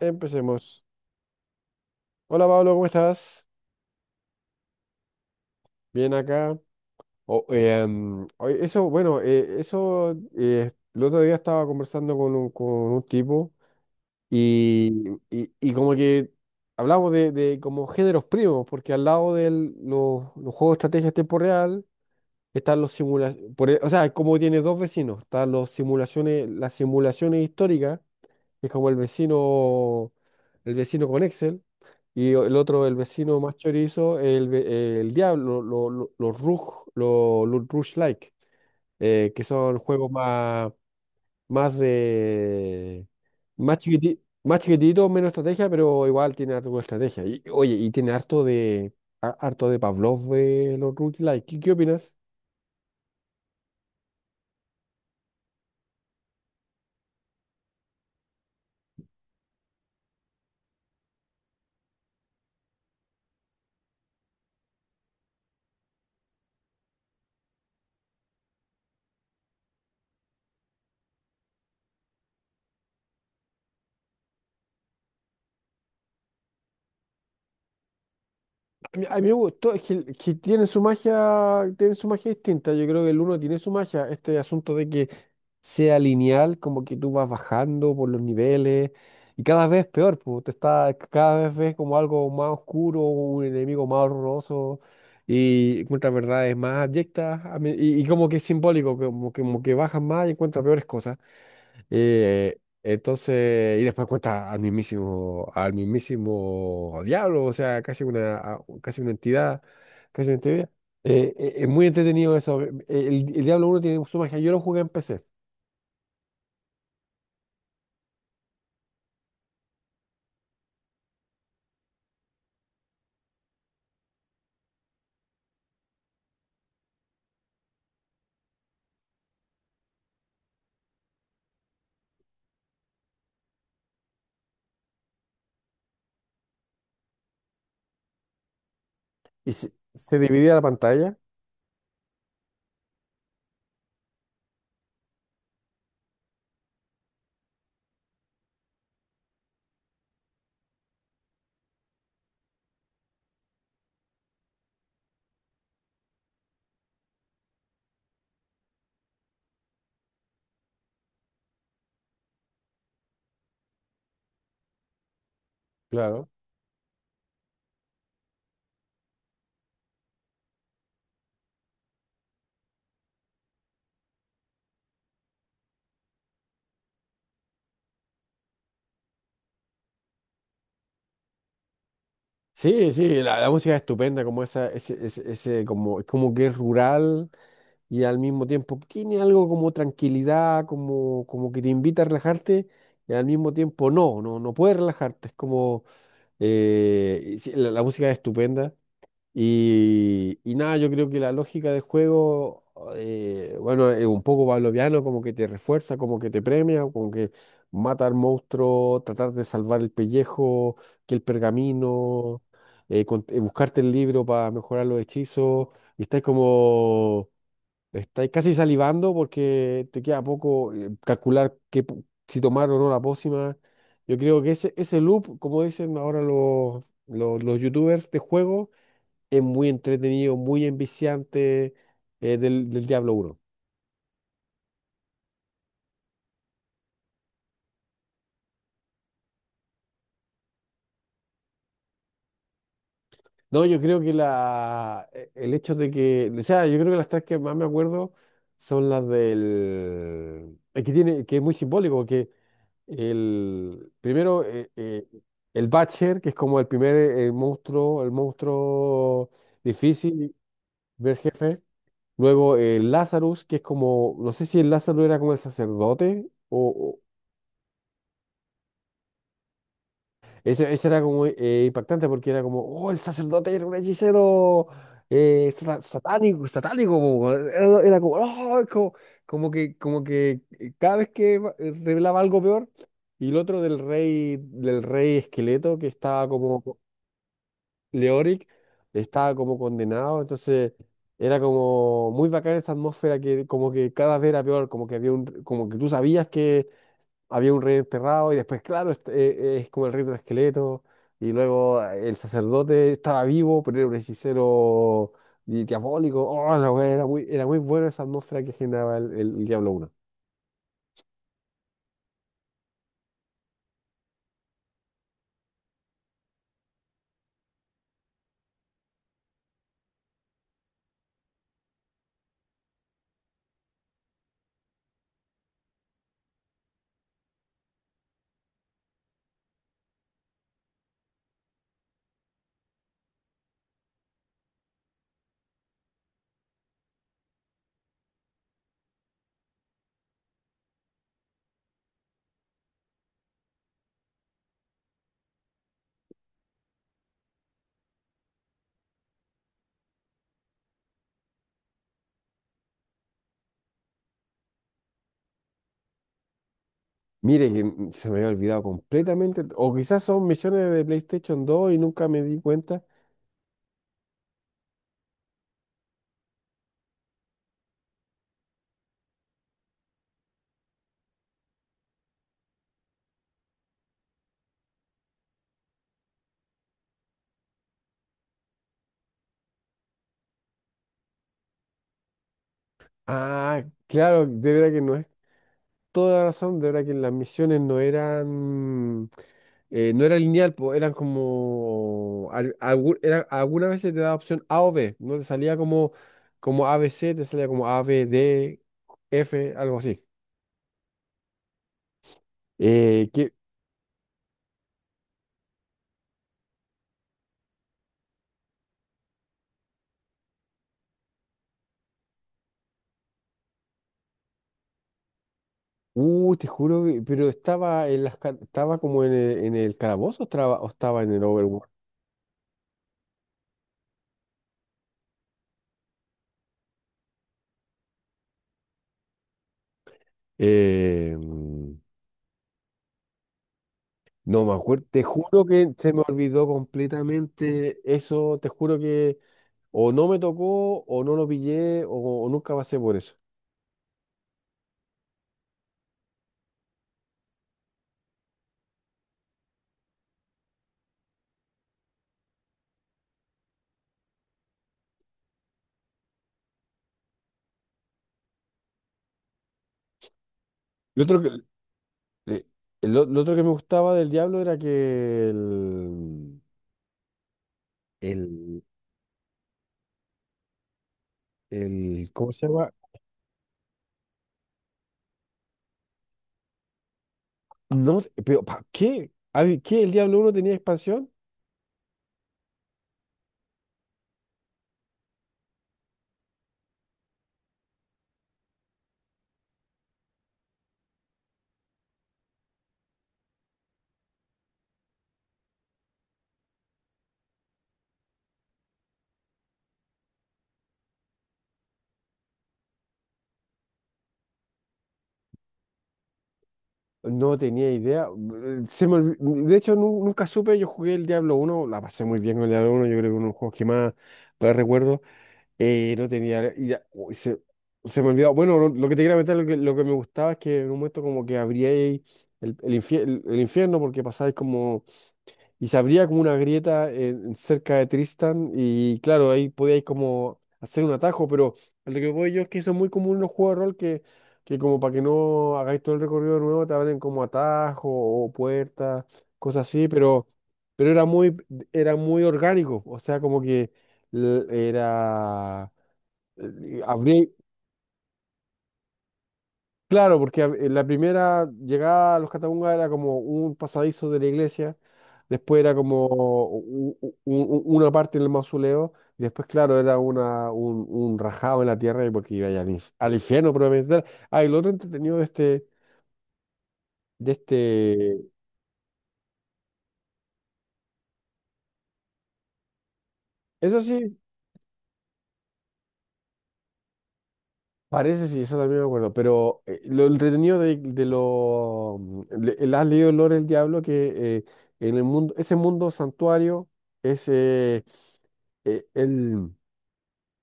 Empecemos. Hola Pablo, ¿cómo estás? Bien acá. O- mm, oye, eso, bueno, eso, El otro día estaba conversando con con un tipo y, y como que hablamos de como géneros primos, porque al lado de los juegos de estrategia en tiempo real están los simulaciones, o sea, como tiene dos vecinos, están los simulaciones, las simulaciones históricas que es como el vecino con Excel, y el otro, el vecino más chorizo, el diablo, los Rush Like, que son juegos más, más de, más chiquititos, más chiquitito, menos estrategia, pero igual tiene algo de estrategia. Y, oye, y tiene harto de, harto de Pavlov de los Rush Like. Qué opinas? A a mí me gustó, es que tiene su magia distinta. Yo creo que el uno tiene su magia, este asunto de que sea lineal, como que tú vas bajando por los niveles y cada vez peor, pues te está, cada vez ves como algo más oscuro, un enemigo más horroroso y encuentras verdades más abyectas y como que es simbólico, como que bajas más y encuentras peores cosas. Entonces, y después cuenta al mismísimo diablo, o sea, casi una entidad, casi una entidad. Es muy entretenido eso. El Diablo uno tiene su magia. Yo lo jugué en PC y se dividía la pantalla, claro. Sí, sí, la música es estupenda, como esa, como, es como que es rural y al mismo tiempo tiene algo como tranquilidad, como, como que te invita a relajarte y al mismo tiempo no puedes relajarte, es como y sí, la música es estupenda. Y nada, yo creo que la lógica del juego, bueno, es un poco pavloviano, como que te refuerza, como que te premia, como que matar monstruos, tratar de salvar el pellejo, que el pergamino, buscarte el libro para mejorar los hechizos. Y estás como Estáis casi salivando porque te queda poco calcular qué, si tomar o no la pócima. Yo creo que ese loop, como dicen ahora los youtubers de juego, es muy entretenido, muy enviciante del Diablo uno. No, yo creo que el hecho de que, o sea, yo creo que las tres que más me acuerdo son las del, es que tiene, que es muy simbólico, que primero, el Butcher, que es como el primer monstruo, el monstruo difícil ver jefe. Luego el Lazarus, que es como, no sé si el Lazarus era como el sacerdote o ese era como impactante porque era como, oh, el sacerdote era un hechicero satánico, satánico, po, weón. Era, era como, oh, como, como que cada vez que revelaba algo peor, y el otro del rey esqueleto que estaba como, Leoric, estaba como condenado, entonces era como muy bacana esa atmósfera que como que cada vez era peor, como que había un, como que tú sabías había un rey enterrado y después, claro, este, es como el rey del esqueleto y luego el sacerdote estaba vivo, pero era un hechicero diabólico. Oh, la wea, era muy buena esa atmósfera que generaba el Diablo 1. Mire que se me había olvidado completamente, o quizás son misiones de PlayStation 2 y nunca me di cuenta. Ah, claro, de verdad que no es toda la razón, de verdad que las misiones no eran, no era lineal, po, eran como, algunas veces te daba opción A o B, no te salía como, como a b c te salía como A, B, D, F, algo así. Eh, que, te juro, pero estaba en estaba como en en el calabozo o estaba en el Overworld. Eh, mm, no me acuerdo, te juro que se me olvidó completamente eso, te juro que o no me tocó, o no lo pillé, o nunca pasé por eso. Lo otro que, eh, lo otro que me gustaba del Diablo era que el, el- ¿cómo se llama? No, pero ¿para qué? A ver, ¿qué? ¿El Diablo uno tenía expansión? No tenía idea. Se me olvi- mm, De hecho, nunca supe, yo jugué el Diablo uno la pasé muy bien con el Diablo uno yo creo que uno de los juegos que más, más recuerdo. No tenía. Uy, se me olvidó. Bueno, lo que te quería comentar, lo que me gustaba es que en un momento como que abría el infierno porque pasáis como. Y se abría como una grieta cerca de Tristan y claro, ahí podíais como hacer un atajo, pero lo que voy yo es que eso es muy común en los juegos de rol que como para que no hagáis todo el recorrido de nuevo, te abren como atajo o puertas, cosas así, pero era muy orgánico. O sea, como que era eh, abrí- claro, porque la primera llegada a los Catacumbas era como un pasadizo de la iglesia, después era como una parte del mausoleo, y después, claro, era una, un rajado en la tierra y porque iba ya al, al infierno probablemente. Ah, y lo otro entretenido de este, eso sí. Parece, sí, eso también me acuerdo, pero lo entretenido de lo... ¿Has leído El Lore del Diablo? Que en el mundo, ese mundo santuario, ese eh, el,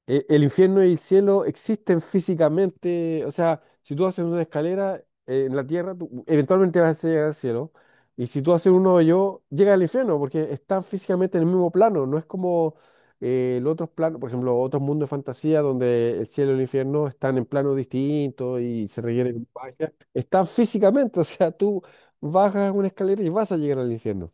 el infierno y el cielo existen físicamente, o sea, si tú haces una escalera en la tierra, tú eventualmente vas a llegar al cielo, y si tú haces un hoyo, llega al infierno, porque están físicamente en el mismo plano, no es como el otro plano, por ejemplo, otros mundos de fantasía donde el cielo y el infierno están en planos distintos y se requiere magia, están físicamente, o sea, tú bajas una escalera y vas a llegar al infierno.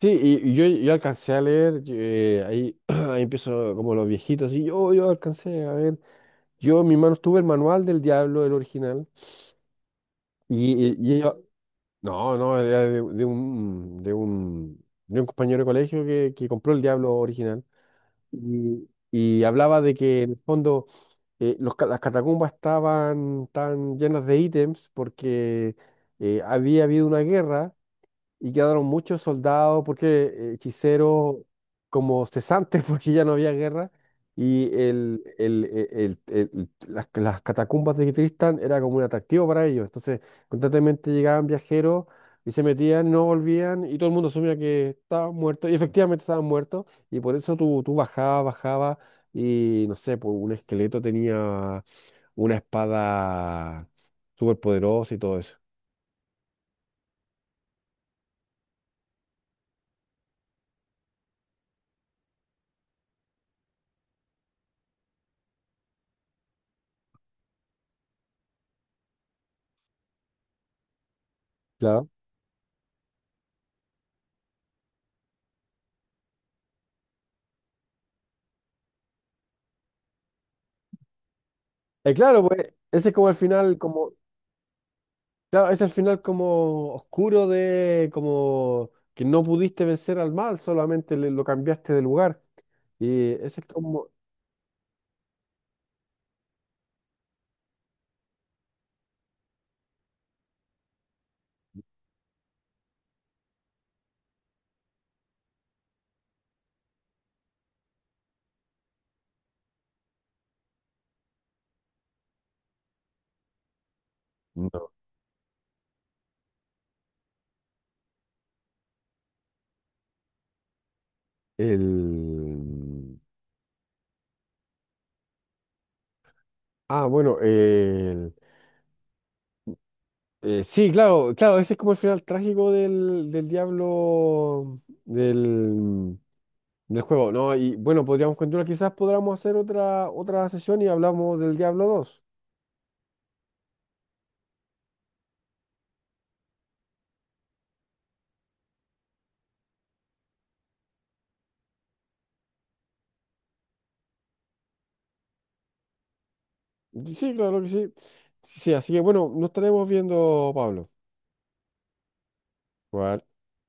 Sí, y yo alcancé a leer, ahí, ahí empiezo como los viejitos, y yo alcancé a ver, yo en mis manos tuve el manual del diablo, el original, y ella- no, no, era de un compañero de colegio que compró el diablo original, y hablaba de que en el fondo las catacumbas estaban tan llenas de ítems porque había habido una guerra y quedaron muchos soldados, porque hechiceros como cesantes, porque ya no había guerra, y las catacumbas de Tristán era como un atractivo para ellos. Entonces, constantemente llegaban viajeros y se metían, no volvían, y todo el mundo asumía que estaban muertos, y efectivamente estaban muertos, y por eso tú, tú bajabas, bajabas, y no sé, pues un esqueleto tenía una espada súper poderosa y todo eso. Claro, pues ese es como el final, como, claro, ese es el final como oscuro de, como que no pudiste vencer al mal, solamente lo cambiaste de lugar. Y ese es como No. El... Ah, bueno, el... sí, claro, claro, ese es como el final trágico del diablo del, del juego, ¿no? Y bueno, podríamos continuar, quizás podamos hacer otra, otra sesión y hablamos del Diablo dos. Sí, claro que sí. Sí, así que bueno, nos estaremos viendo, Pablo. Bueno,